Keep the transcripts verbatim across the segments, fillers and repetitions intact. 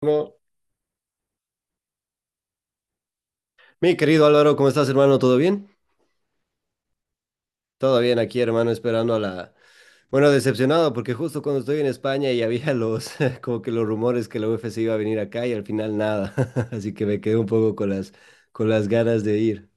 Bueno, mi querido Álvaro, ¿cómo estás, hermano? ¿Todo bien? Todo bien aquí, hermano, esperando a la... Bueno, decepcionado, porque justo cuando estoy en España y había los, como que los rumores que la U F C iba a venir acá y al final nada. Así que me quedé un poco con las, con las ganas de ir.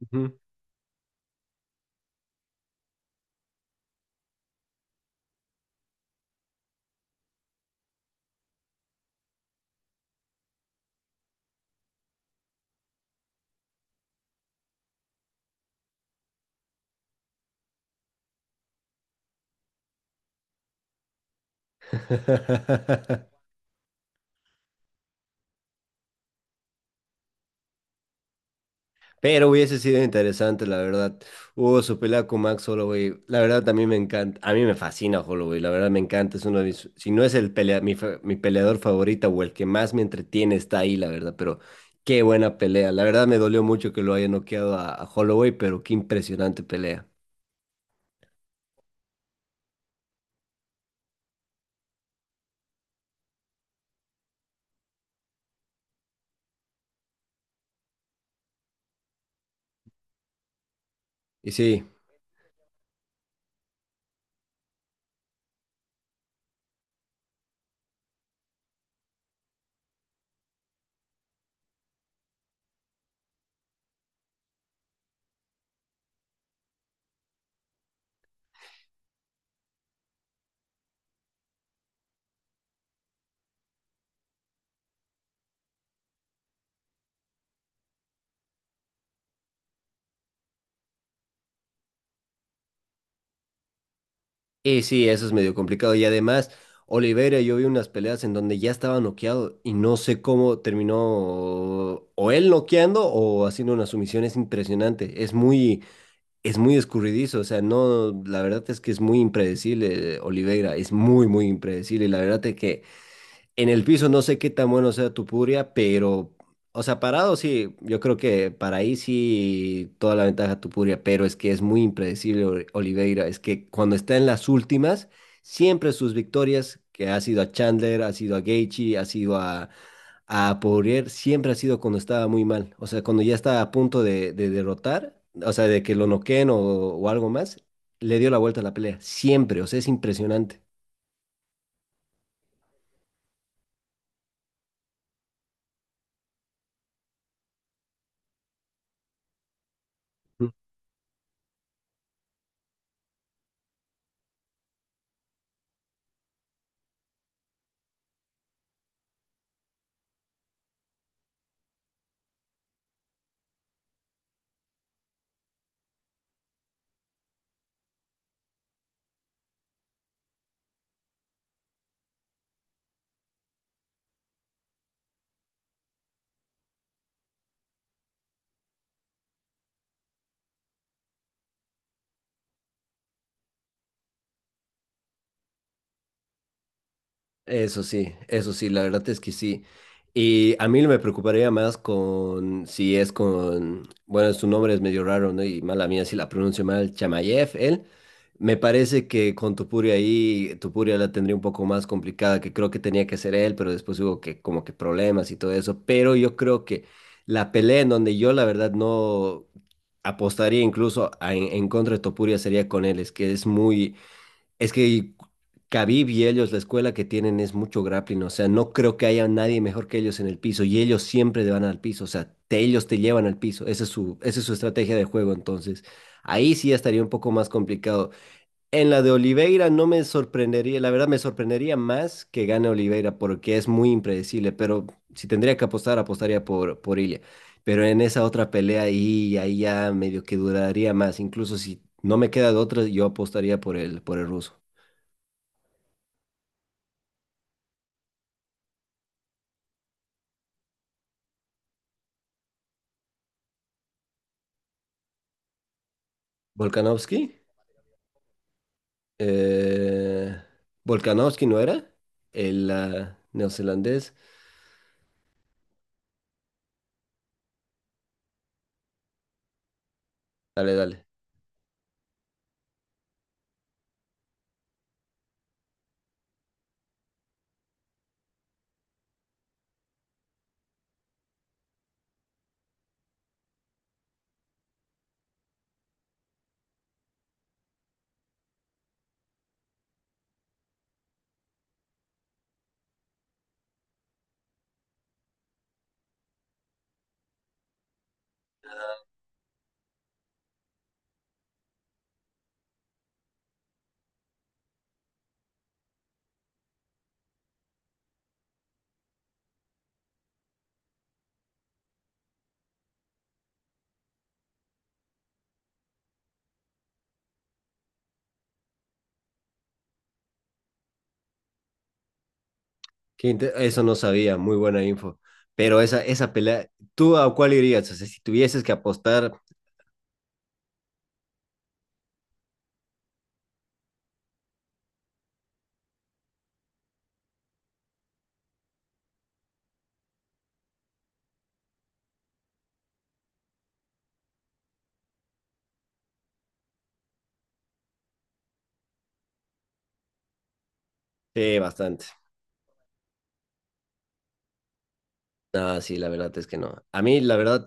Ujú. Pero hubiese sido interesante, la verdad. Hubo su pelea con Max Holloway. La verdad, también me encanta. A mí me fascina Holloway. La verdad, me encanta. Es uno de mis. Si no es el pelea, mi, fa- mi peleador favorita o el que más me entretiene, está ahí, la verdad. Pero qué buena pelea. La verdad, me dolió mucho que lo haya noqueado a, a Holloway, pero qué impresionante pelea. Y sí, Y sí, eso es medio complicado. Y además, Oliveira, yo vi unas peleas en donde ya estaba noqueado y no sé cómo terminó o él noqueando o haciendo una sumisión. Es impresionante. Es muy, es muy escurridizo. O sea, no, la verdad es que es muy impredecible, eh, Oliveira. Es muy, muy impredecible. Y la verdad es que en el piso no sé qué tan bueno sea tu puria, pero, o sea, parado sí, yo creo que para ahí sí toda la ventaja tu puria, pero es que es muy impredecible Ol- Oliveira, es que cuando está en las últimas, siempre sus victorias, que ha sido a Chandler, ha sido a Gaethje, ha sido a, a Poirier, siempre ha sido cuando estaba muy mal, o sea, cuando ya estaba a punto de, de derrotar, o sea, de que lo noqueen o, o algo más, le dio la vuelta a la pelea, siempre, o sea, es impresionante. Eso sí, eso sí, la verdad es que sí. Y a mí me preocuparía más con si es con, bueno, su nombre es medio raro, ¿no? Y mala mía si la pronuncio mal, Chamayev, él. Me parece que con Topuria ahí, Topuria la tendría un poco más complicada, que creo que tenía que ser él, pero después hubo que como que problemas y todo eso. Pero yo creo que la pelea en donde yo la verdad no apostaría incluso a- en, en contra de Topuria sería con él, es que es muy es que Khabib y ellos, la escuela que tienen es mucho grappling, o sea, no creo que haya nadie mejor que ellos en el piso y ellos siempre te van al piso, o sea, te- ellos te llevan al piso, esa es su, esa es su estrategia de juego, entonces ahí sí ya estaría un poco más complicado. En la de Oliveira no me sorprendería, la verdad me sorprendería más que gane Oliveira porque es muy impredecible, pero si tendría que apostar, apostaría por, por Ilia. Pero en esa otra pelea ahí, ahí ya medio que duraría más, incluso si no me queda de otra, yo apostaría por el, por el ruso. Volkanovski. eh, Volkanovski, ¿no era? El ah, neozelandés. Dale, dale. Qué inte- Eso no sabía, muy buena info. Pero esa, esa pelea, ¿tú a cuál irías? O sea, si tuvieses que apostar, eh, bastante. Ah, sí, la verdad es que no. A mí, la verdad,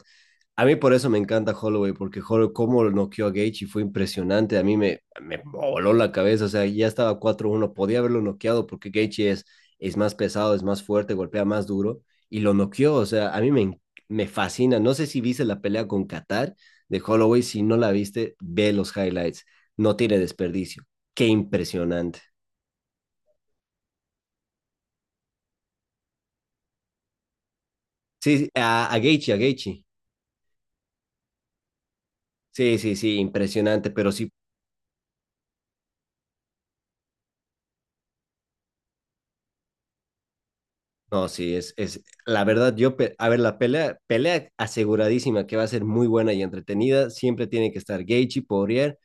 a mí por eso me encanta Holloway, porque Holloway, cómo lo noqueó a Gaethje fue impresionante. A mí me, me voló la cabeza. O sea, ya estaba cuatro uno, podía haberlo noqueado porque Gaethje es, es más pesado, es más fuerte, golpea más duro y lo noqueó. O sea, a mí me, me fascina. No sé si viste la pelea con Qatar de Holloway. Si no la viste, ve los highlights. No tiene desperdicio. Qué impresionante. Sí, sí, a, a Gaethje, a Gaethje. Sí, sí, sí, impresionante. Pero sí, no, sí, es, es la verdad, yo, pe- a ver, la pelea, pelea aseguradísima que va a ser muy buena y entretenida, siempre tiene que estar Gaethje, Poirier,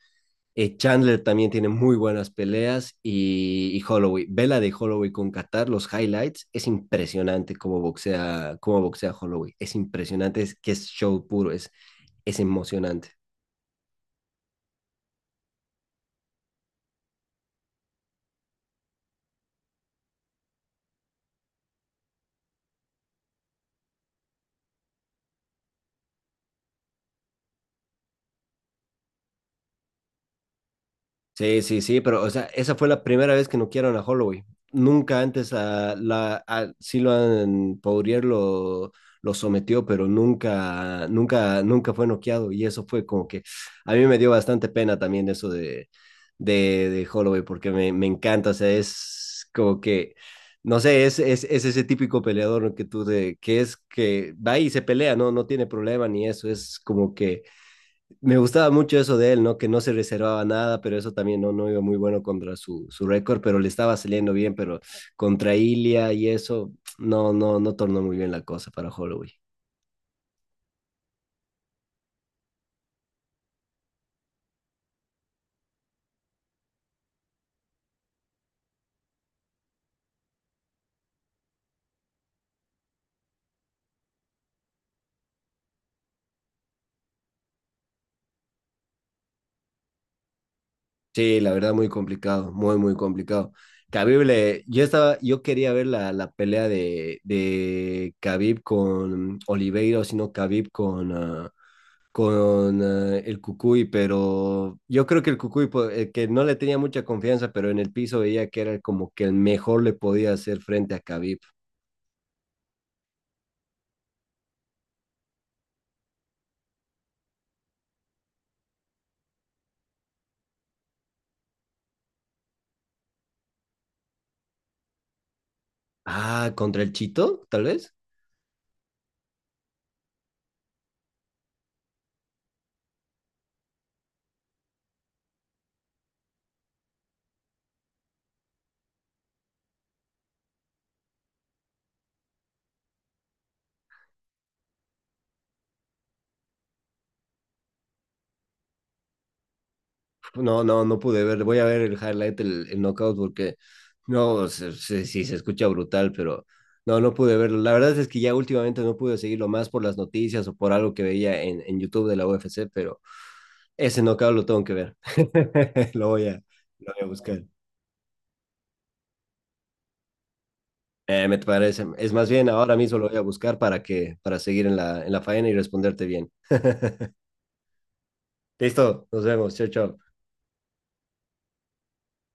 eh, Chandler también tiene muy buenas peleas y, y Holloway, vela de Holloway con Qatar, los highlights, es impresionante cómo boxea, cómo boxea Holloway, es impresionante, es que es show puro, es, es emocionante. Sí, sí, sí, pero o sea, esa fue la primera vez que noquearon a Holloway. Nunca antes a la a Silvan Poirier lo, lo sometió, pero nunca, nunca, nunca fue noqueado. Y eso fue como que a mí me dio bastante pena también eso de, de, de Holloway, porque me, me encanta. O sea, es como que, no sé, es, es, es ese típico peleador que tú de, que es que va y se pelea, no, no tiene problema ni eso. Es como que me gustaba mucho eso de él, ¿no? Que no se reservaba nada, pero eso también no, no iba muy bueno contra su, su récord, pero le estaba saliendo bien, pero contra Ilia y eso, no, no, no tornó muy bien la cosa para Holloway. Sí, la verdad, muy complicado, muy, muy complicado. Khabib, le- yo estaba, yo quería ver la, la pelea de, de Khabib con Oliveira, o si no, Khabib con, ah, con eh, el Cucuy, pero yo creo que el Cucuy, po- eh, que no le tenía mucha confianza, pero en el piso veía que era como que el mejor le podía hacer frente a Khabib. Ah, contra el Chito, tal vez. No, no, no pude ver. Voy a ver el highlight, el, el knockout, porque no, se- se- sí, se escucha brutal, pero no, no pude verlo. La verdad es que ya últimamente no pude seguirlo más por las noticias o por algo que veía en, en YouTube de la U F C, pero ese knockout lo tengo que ver. Lo voy a, lo voy a buscar. Eh, me parece. Es más bien, ahora mismo lo voy a buscar para que, para seguir en la, en la faena y responderte bien. Listo, nos vemos. Chao, chao.